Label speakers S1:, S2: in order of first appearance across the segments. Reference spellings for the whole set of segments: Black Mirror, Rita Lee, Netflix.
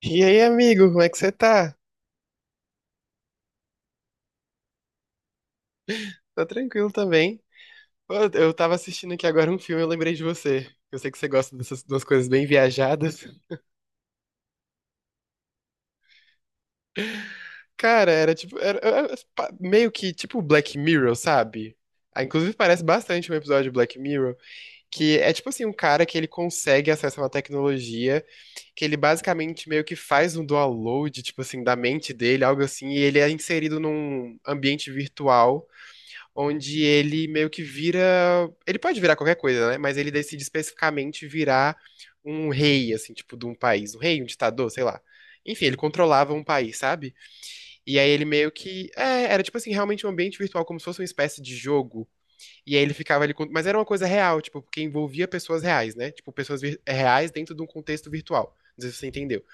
S1: E aí, amigo, como é que você tá? Tá tranquilo também? Pô, eu tava assistindo aqui agora um filme, eu lembrei de você. Eu sei que você gosta dessas duas coisas bem viajadas. Cara, era tipo, meio que tipo Black Mirror, sabe? Ah, inclusive parece bastante um episódio de Black Mirror, que é tipo assim, um cara que ele consegue acesso a uma tecnologia, que ele basicamente meio que faz um download, tipo assim, da mente dele, algo assim, e ele é inserido num ambiente virtual onde ele meio que vira. Ele pode virar qualquer coisa, né? Mas ele decide especificamente virar um rei, assim, tipo, de um país. Um rei, um ditador, sei lá. Enfim, ele controlava um país, sabe? E aí ele meio que. É, era tipo assim, realmente um ambiente virtual, como se fosse uma espécie de jogo. E aí ele ficava ali. Mas era uma coisa real, tipo, porque envolvia pessoas reais, né? Tipo, reais dentro de um contexto virtual. Não sei se você entendeu.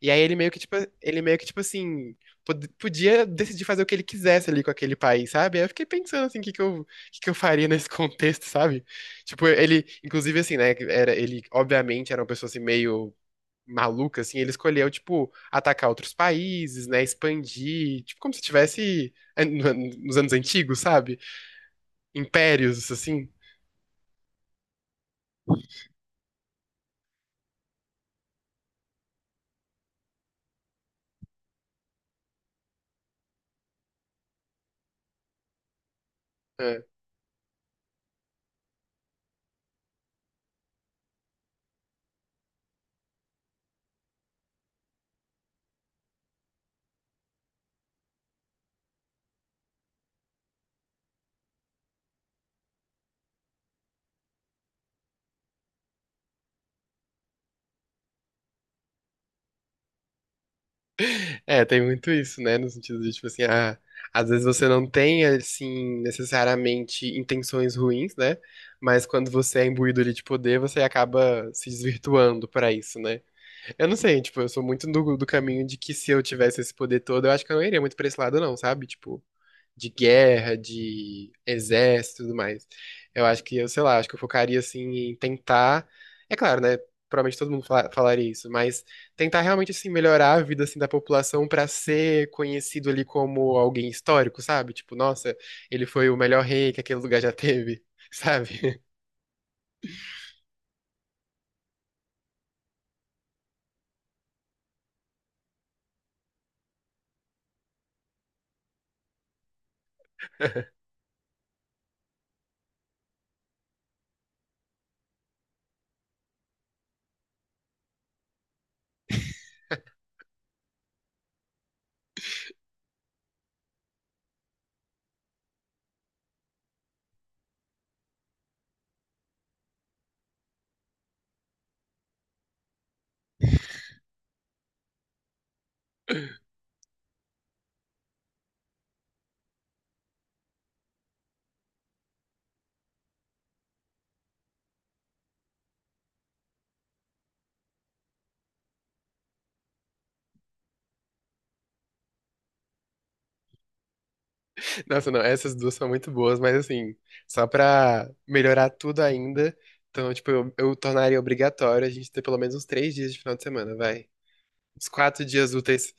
S1: E aí ele meio que, tipo, ele meio que, tipo assim, podia decidir fazer o que ele quisesse ali com aquele país, sabe? Aí eu fiquei pensando, assim, o que que eu faria nesse contexto, sabe? Tipo, ele, inclusive, assim, né, era, ele, obviamente, era uma pessoa, assim, meio maluca, assim, ele escolheu, tipo, atacar outros países, né, expandir, tipo, como se tivesse nos anos antigos, sabe? Impérios, assim. É. É, tem muito isso, né? No sentido de, tipo assim, ah, às vezes você não tem, assim, necessariamente intenções ruins, né? Mas quando você é imbuído ali de poder, você acaba se desvirtuando pra isso, né? Eu não sei, tipo, eu sou muito do caminho de que se eu tivesse esse poder todo, eu acho que eu não iria muito pra esse lado, não, sabe? Tipo, de guerra, de exército e tudo mais. Eu acho que eu, sei lá, acho que eu focaria assim em tentar. É claro, né? Provavelmente todo mundo falaria isso, mas tentar realmente assim melhorar a vida assim da população pra ser conhecido ali como alguém histórico, sabe? Tipo, nossa, ele foi o melhor rei que aquele lugar já teve, sabe? Nossa, não, essas duas são muito boas, mas assim, só pra melhorar tudo ainda, então, tipo, eu tornaria obrigatório a gente ter pelo menos uns três dias de final de semana, vai. Uns quatro dias úteis.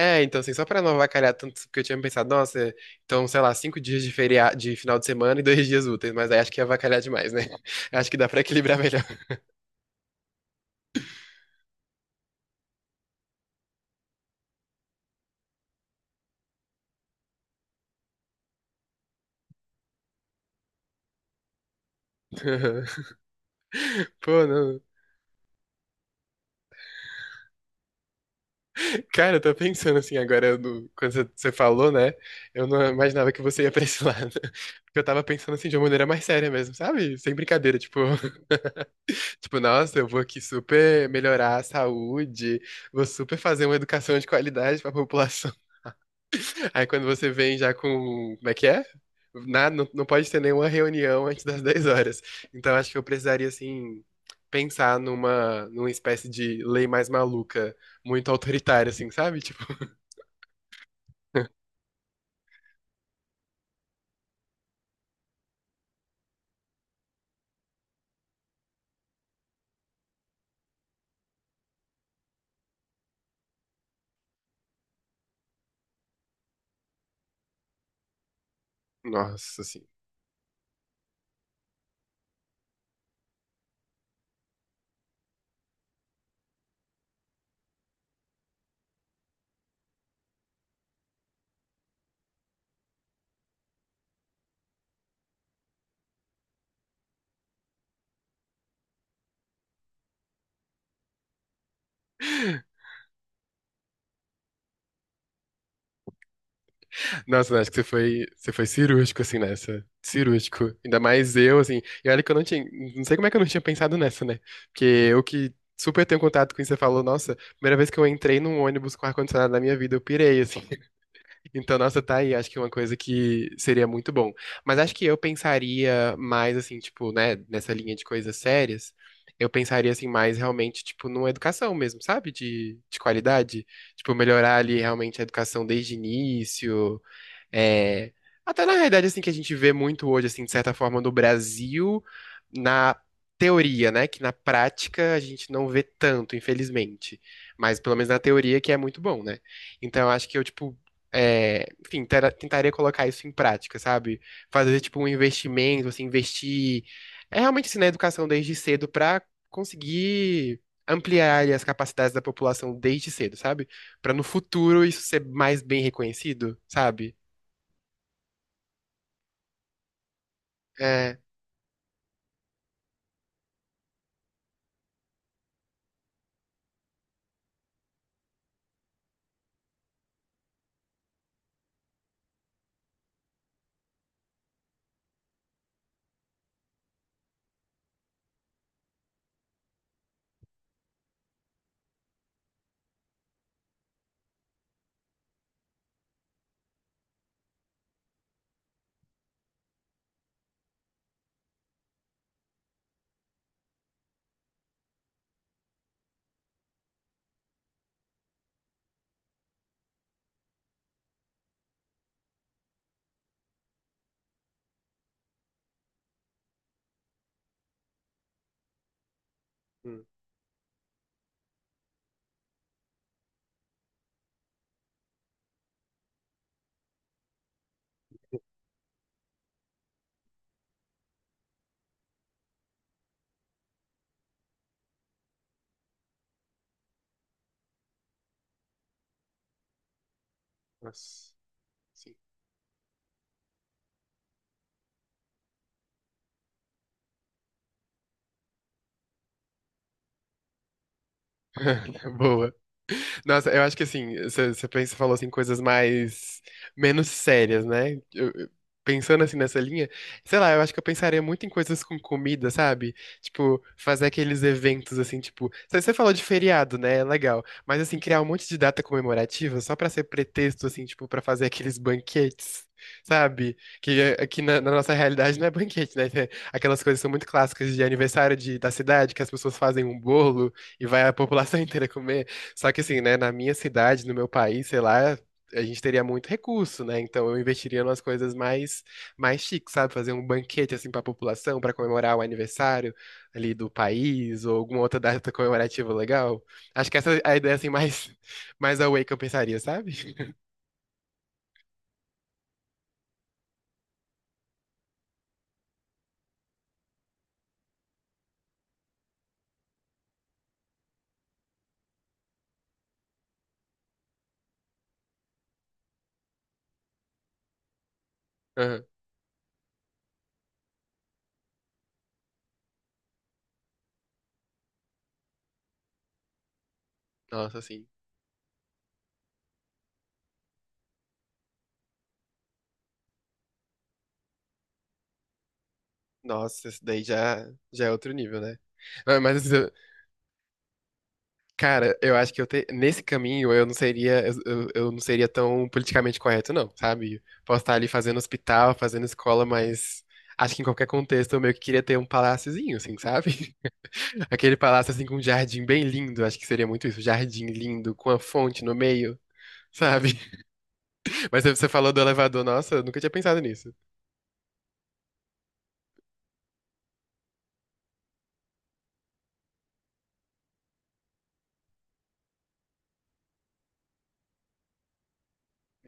S1: É, então, assim, só pra não avacalhar tanto, porque eu tinha pensado, nossa, então, sei lá, cinco dias de feriado, de final de semana e dois dias úteis, mas aí acho que ia avacalhar demais, né? Acho que dá pra equilibrar melhor. Pô, não. Cara, eu tô pensando assim agora, quando você falou, né? Eu não imaginava que você ia pra esse lado. Porque eu tava pensando assim de uma maneira mais séria mesmo, sabe? Sem brincadeira, tipo. Tipo, nossa, eu vou aqui super melhorar a saúde, vou super fazer uma educação de qualidade pra população. Aí quando você vem já com. Como é que é? Nada, não, não pode ter nenhuma reunião antes das 10 horas. Então acho que eu precisaria, assim, pensar numa espécie de lei mais maluca, muito autoritária, assim, sabe? Tipo. Nossa, assim. Nossa, acho que você foi cirúrgico, assim, nessa. Cirúrgico. Ainda mais eu, assim. E olha que eu não tinha. Não sei como é que eu não tinha pensado nessa, né? Porque eu que super tenho contato com isso, você falou, nossa, primeira vez que eu entrei num ônibus com ar-condicionado na minha vida, eu pirei, assim. Então, nossa, tá aí. Acho que é uma coisa que seria muito bom. Mas acho que eu pensaria mais, assim, tipo, né, nessa linha de coisas sérias. Eu pensaria, assim, mais realmente, tipo, numa educação mesmo, sabe? De qualidade. Tipo, melhorar ali realmente a educação desde o início. É, até na realidade, assim, que a gente vê muito hoje, assim, de certa forma, no Brasil, na teoria, né? Que na prática a gente não vê tanto, infelizmente. Mas pelo menos na teoria que é muito bom, né? Então eu acho que eu, tipo, é, enfim, tentaria colocar isso em prática, sabe? Fazer, tipo, um investimento, assim, investir é realmente assim, na educação desde cedo pra conseguir ampliar ali, as capacidades da população desde cedo, sabe? Pra no futuro isso ser mais bem reconhecido, sabe? É. Hum, nossa. Sim. Boa. Nossa, eu acho que assim, você pensa, falou assim, coisas mais menos sérias, né? Pensando assim nessa linha, sei lá, eu acho que eu pensaria muito em coisas com comida, sabe? Tipo, fazer aqueles eventos assim, tipo, você falou de feriado, né? É legal. Mas assim, criar um monte de data comemorativa só pra ser pretexto assim, tipo, pra fazer aqueles banquetes. Sabe? Aqui na nossa realidade não é banquete, né? É, aquelas coisas que são muito clássicas de aniversário da cidade, que as pessoas fazem um bolo e vai a população inteira comer. Só que assim, né, na minha cidade, no meu país, sei lá, a gente teria muito recurso, né? Então eu investiria nas coisas mais chiques, sabe? Fazer um banquete assim para a população para comemorar o aniversário ali do país ou alguma outra data comemorativa legal. Acho que essa é a ideia assim mais mais away que eu pensaria, sabe? Aham. Nossa, assim. Nossa, isso daí já é outro nível, né? Ah, mas assim, cara, eu acho que nesse caminho eu não seria eu não seria tão politicamente correto, não, sabe? Posso estar ali fazendo hospital, fazendo escola, mas acho que em qualquer contexto eu meio que queria ter um paláciozinho, assim, sabe? Aquele palácio assim com um jardim bem lindo, acho que seria muito isso, jardim lindo com a fonte no meio, sabe? Mas você falou do elevador, nossa, eu nunca tinha pensado nisso.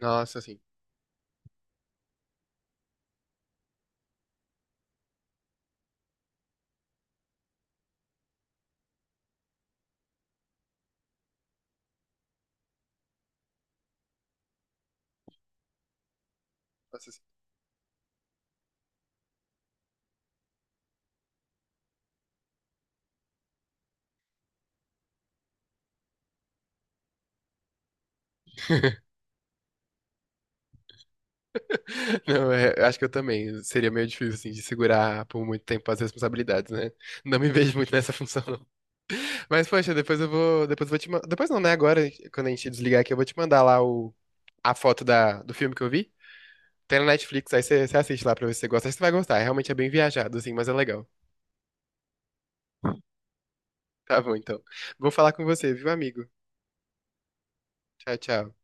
S1: Nossa, assim. Nossa, assim. Não, é, eu acho que eu também. Seria meio difícil, assim, de segurar por muito tempo as responsabilidades, né? Não me vejo muito nessa função. Mas, poxa, depois eu vou. Depois eu vou te mandar. Depois não, né? Agora, quando a gente desligar aqui, eu vou te mandar lá o... a foto da... do filme que eu vi. Tem na Netflix, aí você assiste lá pra ver se você gosta. Acho que você vai gostar. É realmente é bem viajado, assim, mas é legal. Tá bom, então. Vou falar com você, viu, amigo? Tchau, tchau.